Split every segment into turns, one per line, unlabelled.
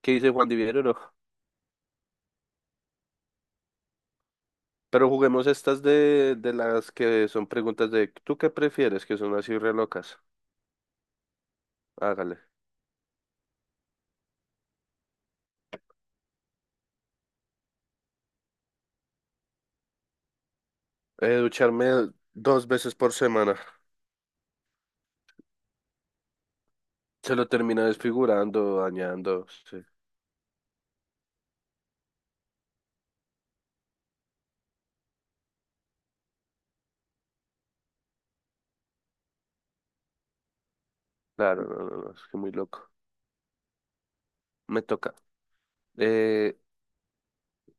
¿Qué dice Juan Divierro? Pero juguemos estas de las que son preguntas de ¿tú qué prefieres? Que son así re locas. Hágale. Ducharme dos veces por semana. Se lo termina desfigurando, dañando. Sí. Claro, no, no, no, es que muy loco. Me toca. Eh,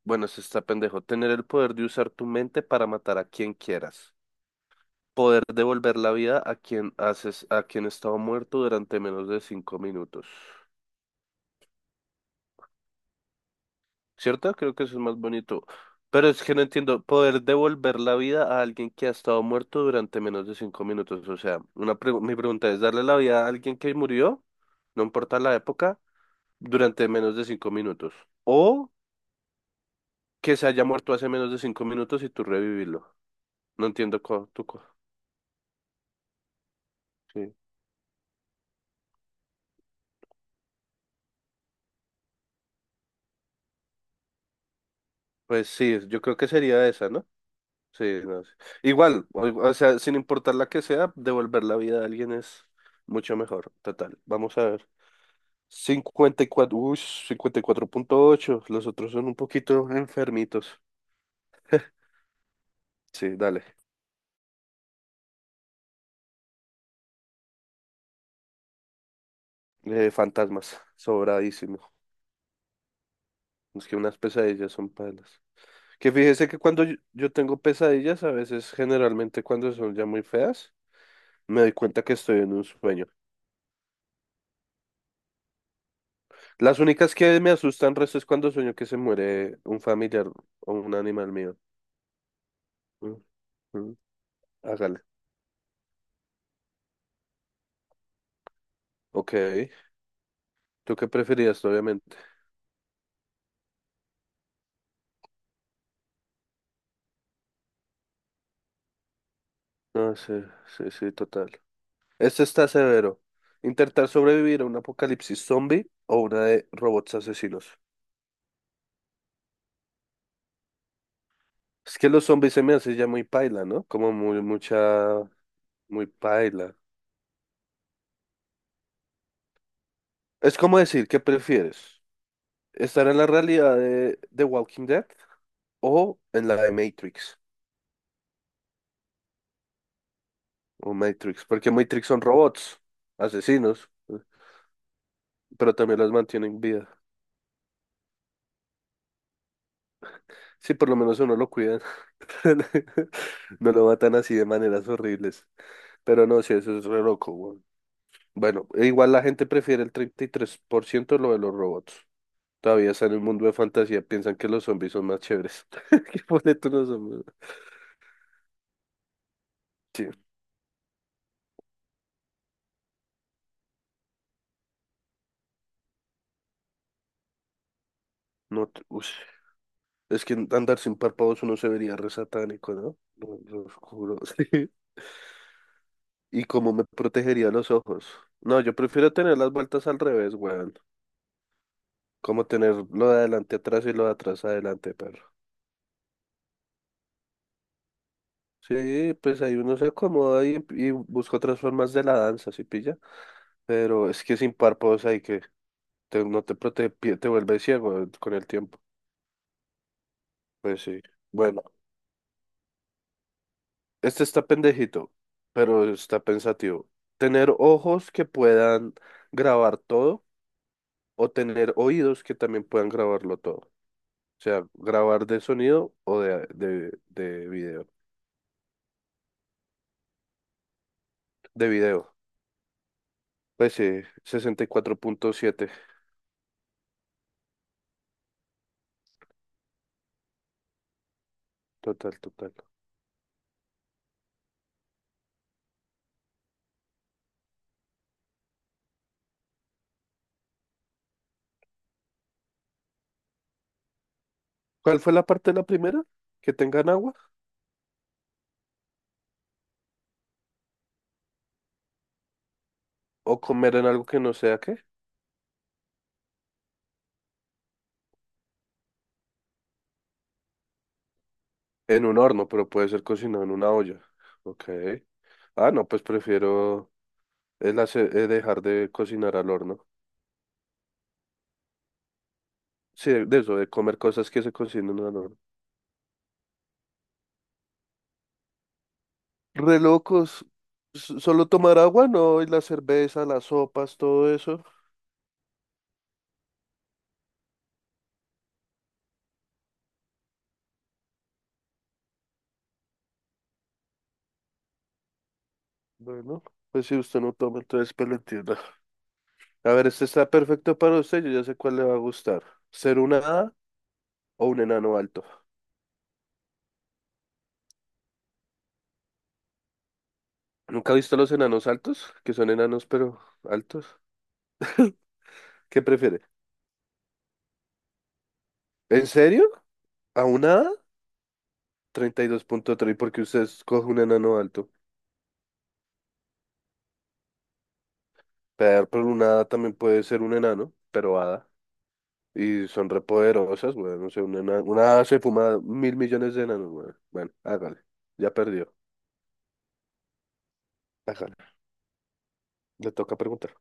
bueno, se está pendejo. Tener el poder de usar tu mente para matar a quien quieras. Poder devolver la vida a quien haces, a quien estaba muerto durante menos de 5 minutos. ¿Cierto? Creo que eso es más bonito. Pero es que no entiendo, poder devolver la vida a alguien que ha estado muerto durante menos de 5 minutos. O sea, mi pregunta es, ¿darle la vida a alguien que murió, no importa la época, durante menos de 5 minutos? ¿O que se haya muerto hace menos de 5 minutos y tú revivirlo? No entiendo cómo, tú, sí. Pues sí, yo creo que sería esa, ¿no? Sí, no sé. Igual, o sea, sin importar la que sea, devolver la vida a alguien es mucho mejor. Total, vamos a ver. 54,8. Los otros son un poquito enfermitos. Sí, dale. Fantasmas, sobradísimo. Es que unas pesadillas son palas. Que fíjese que cuando yo tengo pesadillas, a veces, generalmente cuando son ya muy feas, me doy cuenta que estoy en un sueño. Las únicas que me asustan resto es cuando sueño que se muere un familiar o un animal mío. Mm, mm, hágale. Ok. ¿Tú qué preferías, obviamente? No, sí, sí, sí, total. Este está severo. Intentar sobrevivir a un apocalipsis zombie o una de robots asesinos. Es que los zombies se me hace ya muy paila, ¿no? Como muy paila. Es como decir, ¿qué prefieres? ¿Estar en la realidad de Walking Dead o en la de Matrix? O Matrix, porque Matrix son robots, asesinos, pero también las mantienen vida. Sí, por lo menos a uno lo cuidan. No lo matan así de maneras horribles. Pero no, sí, eso es re loco, weón. Bueno, e igual la gente prefiere el 33% lo de los robots. Todavía están en el mundo de fantasía, piensan que los zombies son más chéveres. ¿Qué pone tú los zombies? Sí, no, ush. Es que andar sin párpados uno se vería re satánico, ¿no? Lo juro. Sí. ¿Y cómo me protegería los ojos? No, yo prefiero tener las vueltas al revés, weón. Como tener lo de adelante atrás y lo de atrás adelante, perro. Sí, pues ahí uno se acomoda y busca otras formas de la danza, ¿sí pilla? Pero es que sin párpados hay que, no te protege, te vuelve ciego con el tiempo. Pues sí. Bueno, este está pendejito, pero está pensativo. Tener ojos que puedan grabar todo o tener oídos que también puedan grabarlo todo. O sea, grabar de sonido o de video. De video. Pues sí, 64,7. Total, total. ¿Cuál fue la parte de la primera? ¿Que tengan agua? ¿O comer en algo que no sea qué? En un horno, pero puede ser cocinado en una olla. Ok. Ah, no, pues prefiero dejar de cocinar al horno. Sí, de eso, de comer cosas que se cocinan al horno. Re locos. Solo tomar agua, no, y la cerveza, las sopas, todo eso. Bueno, pues si usted no toma, entonces pues lo entiendo. A ver, este está perfecto para usted, yo ya sé cuál le va a gustar. ¿Ser una hada o un enano alto? ¿Nunca ha visto los enanos altos? Que son enanos, pero altos. ¿Qué prefiere? ¿En serio? ¿A una hada? 32,3, porque usted escoge un enano alto. Pear por una hada también puede ser un enano, pero hada. Y son repoderosas, güey. No sé, una hada se fuma 1.000 millones de enanos, güey. Bueno, hágale. Ya perdió. Hágale. Le toca preguntar.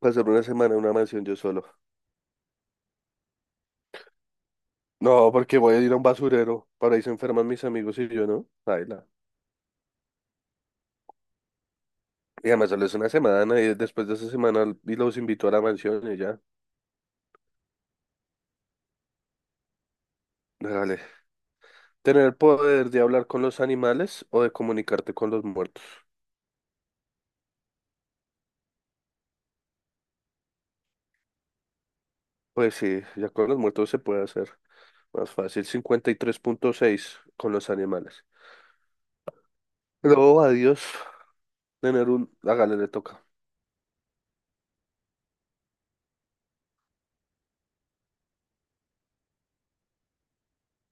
Pasar una semana en una mansión yo solo. No, porque voy a ir a un basurero. Para ahí se enferman mis amigos y yo, ¿no? Baila. Y además solo es una semana y después de esa semana y los invito a la mansión y ya. Hágale. ¿Tener el poder de hablar con los animales o de comunicarte con los muertos? Pues sí, ya con los muertos se puede hacer. Más fácil, 53,6 con los animales. Luego adiós, tener un... Hágale, le toca.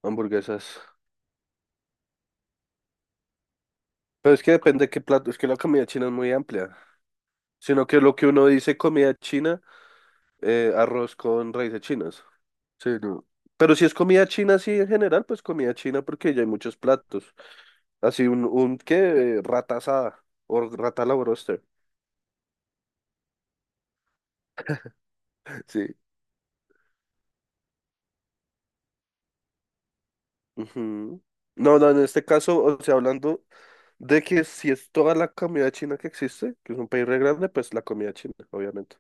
Hamburguesas. Pero es que depende qué plato. Es que la comida china es muy amplia. Sino que lo que uno dice comida china, arroz con raíces chinas. Sí, no. Pero si es comida china, así en general, pues comida china porque ya hay muchos platos. Así un, ¿qué? Rata asada o rata a la broster. Sí. Ujú. No, no, en este caso, o sea, hablando de que si es toda la comida china que existe, que es un país re grande, pues la comida china, obviamente.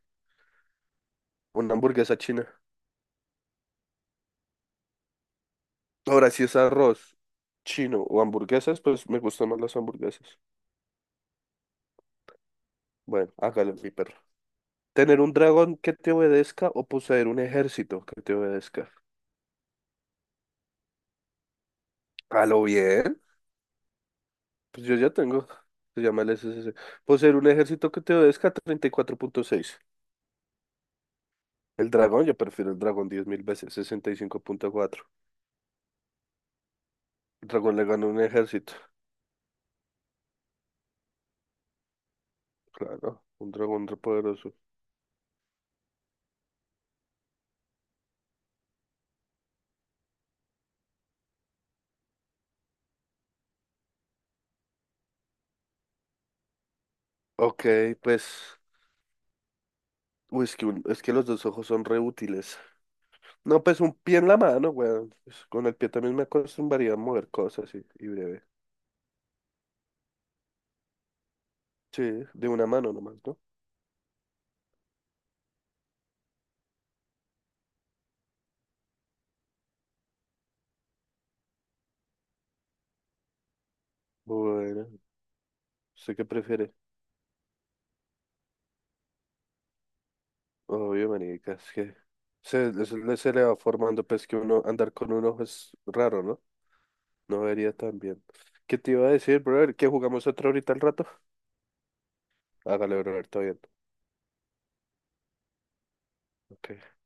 Una hamburguesa china. Ahora, si es arroz chino o hamburguesas, pues me gustan más las hamburguesas. Bueno, hágale, mi perro. Tener un dragón que te obedezca o poseer un ejército que te obedezca. A lo bien. Pues yo ya tengo. Se llama el SSC. Poseer un ejército que te obedezca, 34,6. El dragón, yo prefiero el dragón 10.000 veces, 65,4. El dragón le gana un ejército. Claro, un dragón repoderoso. Ok, pues. Uy, es que, es que los dos ojos son re útiles. No, pues un pie en la mano, weón. Pues, con el pie también me acostumbraría a mover cosas y breve. Sí, de una mano nomás, ¿no? Bueno, ¿usted qué prefiere? Obvio, manica, es que se le va formando, pues que uno andar con un ojo es raro, ¿no? No vería tan bien. ¿Qué te iba a decir, brother? ¿Que jugamos otra ahorita al rato? Hágale, brother, todo bien. Ok.